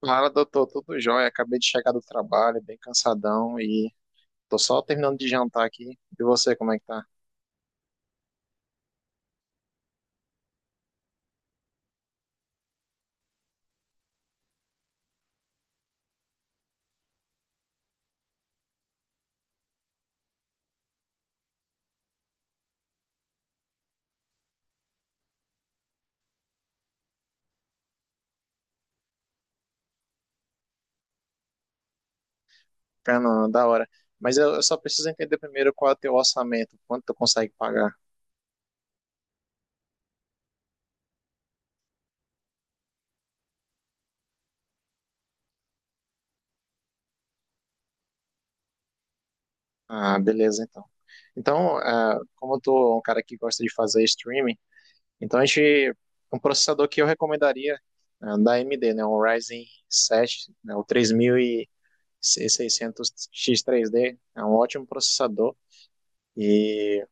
Fala, doutor, tudo jóia? Acabei de chegar do trabalho, bem cansadão e tô só terminando de jantar aqui. E você, como é que tá? Fernando, da hora. Mas eu só preciso entender primeiro qual é o teu orçamento, quanto tu consegue pagar. Ah, beleza, então. Então, como eu tô um cara que gosta de fazer streaming, então um processador que eu recomendaria, da AMD, né? Um Ryzen 7, né? O 3600X3D, é um ótimo processador. e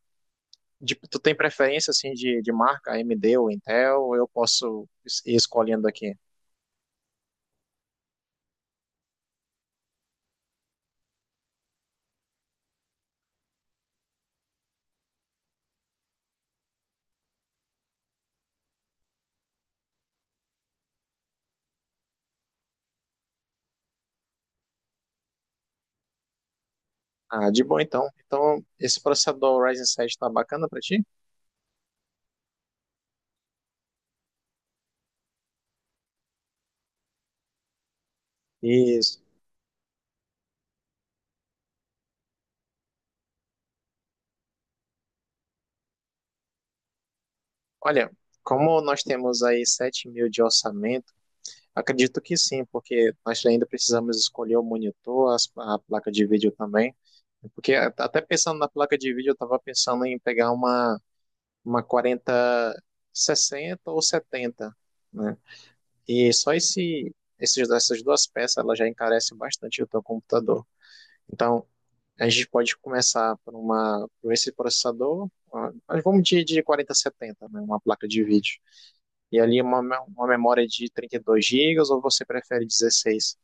Tu tem preferência assim de marca AMD ou Intel? Ou eu posso ir escolhendo aqui? Ah, de boa então. Então, esse processador Ryzen 7 está bacana para ti? Isso. Olha, como nós temos aí 7.000 de orçamento, acredito que sim, porque nós ainda precisamos escolher o monitor, a placa de vídeo também. Porque até pensando na placa de vídeo, eu estava pensando em pegar uma quarenta, sessenta ou 70, né? E essas duas peças ela já encarece bastante o teu computador. Então, a gente pode começar por esse processador, mas vamos de 4070, né, uma placa de vídeo. E ali uma memória de 32 gigas ou você prefere 16.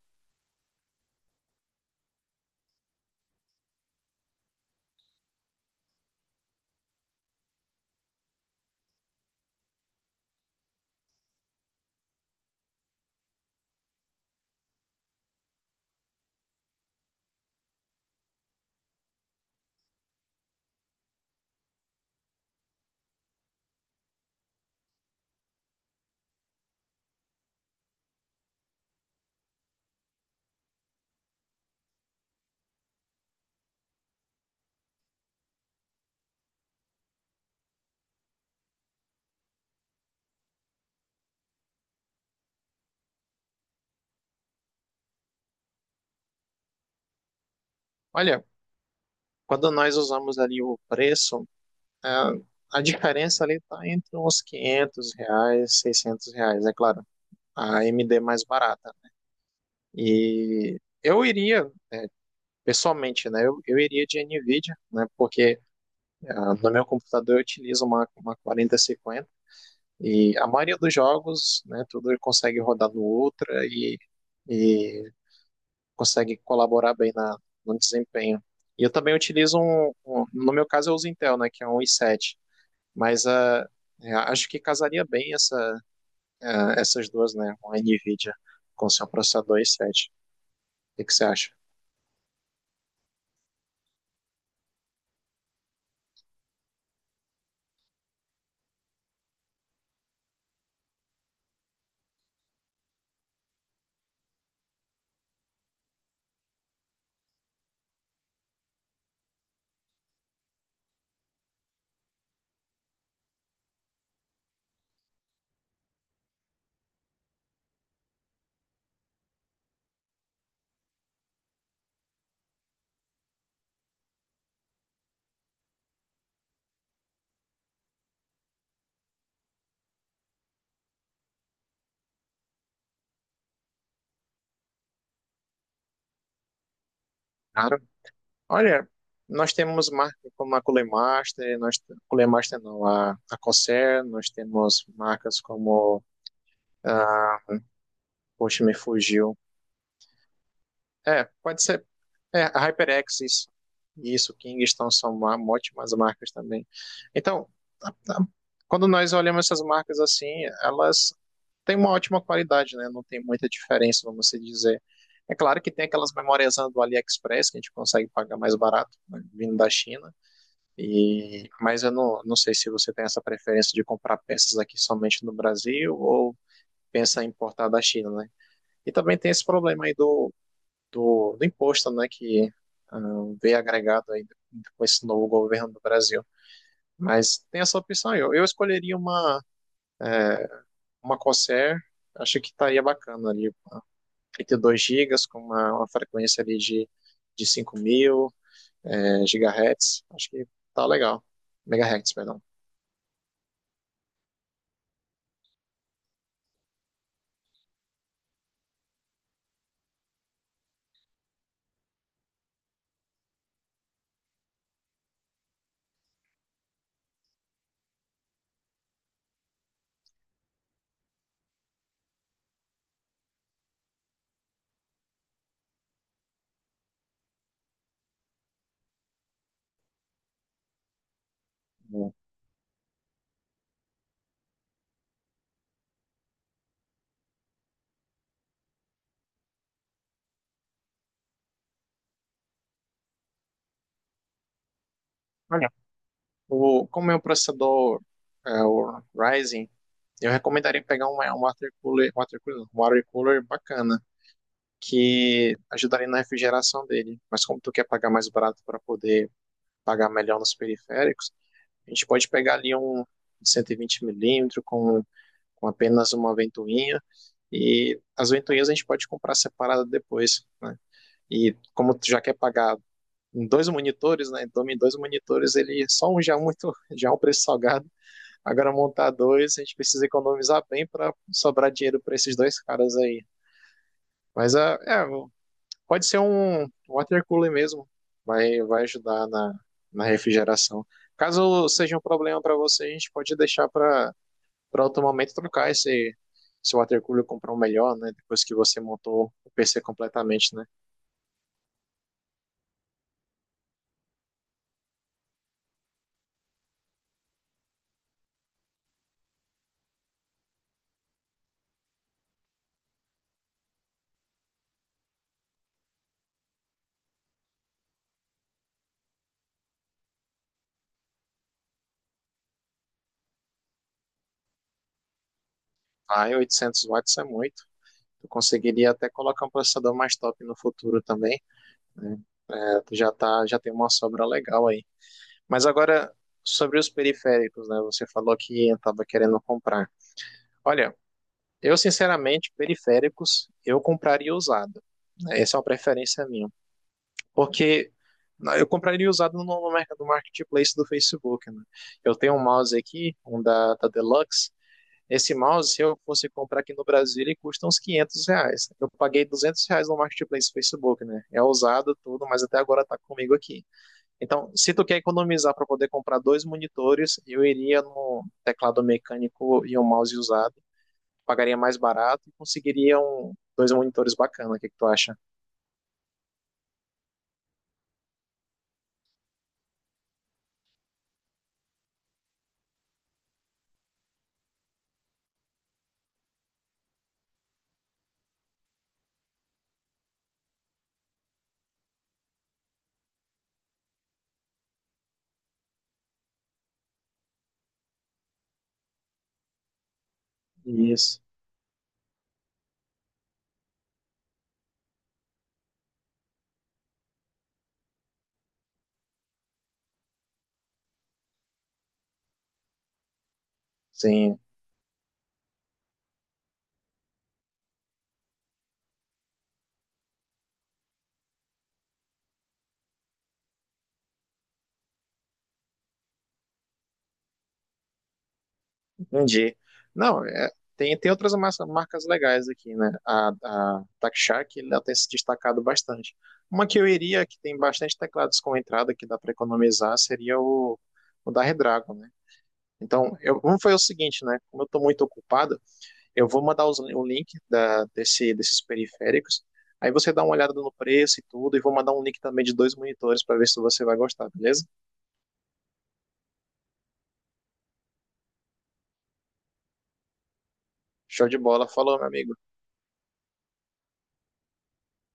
Olha, quando nós usamos ali o preço, ah, a diferença ali está entre uns R$ 500, R$ 600, é claro. A AMD mais barata. E eu iria pessoalmente, né? Eu iria de NVIDIA, né? Porque no meu computador eu utilizo uma 4050 e a maioria dos jogos, né? Tudo consegue rodar no Ultra e consegue colaborar bem no desempenho. E eu também utilizo no meu caso eu uso Intel, né? Que é um i7, mas é, acho que casaria bem essas duas, né? Uma NVIDIA com seu processador i7. O que que você acha? Claro. Olha, nós temos marcas como a Culemaster, nós Culemaster não, a Corsair, nós temos marcas como a, poxa, me fugiu. É, pode ser é, a HyperX, isso, Kingston são ótimas marcas também. Então, a- a- quando nós olhamos essas marcas assim, elas têm uma ótima qualidade, né? Não tem muita diferença, vamos se dizer. É claro que tem aquelas memórias do AliExpress que a gente consegue pagar mais barato, né, vindo da China. E, mas eu não sei se você tem essa preferência de comprar peças aqui somente no Brasil ou pensa em importar da China, né? E também tem esse problema aí do, do imposto, né? Que ah, veio agregado aí com esse novo governo do Brasil. Mas tem essa opção aí. Eu escolheria uma Corsair, acho que estaria bacana ali. 32 gigas com uma frequência ali de 5.000, é, gigahertz. Acho que tá legal. Megahertz, perdão. Hum. O, como meu processador é o Ryzen, eu recomendaria pegar um water cooler, não, um water cooler bacana, que ajudaria na refrigeração dele. Mas como tu quer pagar mais barato para poder pagar melhor nos periféricos, a gente pode pegar ali um 120 mm com apenas uma ventoinha. E as ventoinhas a gente pode comprar separada depois, né? E como tu já quer pagar em dois monitores, né? Então, em dois monitores, ele só um já é muito, já é um preço salgado. Agora montar dois, a gente precisa economizar bem para sobrar dinheiro para esses dois caras aí. Mas pode ser um water cooler mesmo, vai ajudar na refrigeração. Caso seja um problema para você, a gente pode deixar para outro momento trocar esse water cooler, comprar um melhor, né? Depois que você montou o PC completamente, né? Ah, 800 watts é muito. Tu conseguiria até colocar um processador mais top no futuro também, né? É, tu já tá, já tem uma sobra legal aí. Mas agora, sobre os periféricos, né? Você falou que estava querendo comprar. Olha, eu sinceramente, periféricos, eu compraria usado. Né? Essa é uma preferência minha. Porque eu compraria usado no marketplace do Facebook, né? Eu tenho um mouse aqui, um da Deluxe. Esse mouse, se eu fosse comprar aqui no Brasil, ele custa uns R$ 500. Eu paguei R$ 200 no marketplace do Facebook, né? É usado tudo, mas até agora tá comigo aqui. Então, se tu quer economizar para poder comprar dois monitores, eu iria no teclado mecânico e um mouse usado. Pagaria mais barato e conseguiria dois monitores bacana. O que que tu acha? Isso. Sim, entendi. Não, é, tem, tem outras marcas legais aqui, né? A Tac Shark, ela tem se destacado bastante. Uma que eu iria, que tem bastante teclados com entrada, que dá para economizar, seria o da Redragon, né? Então, eu, como foi o seguinte, né? Como eu estou muito ocupado, eu vou mandar o link desses periféricos. Aí você dá uma olhada no preço e tudo, e vou mandar um link também de dois monitores para ver se você vai gostar, beleza? Show de bola. Falou, meu amigo.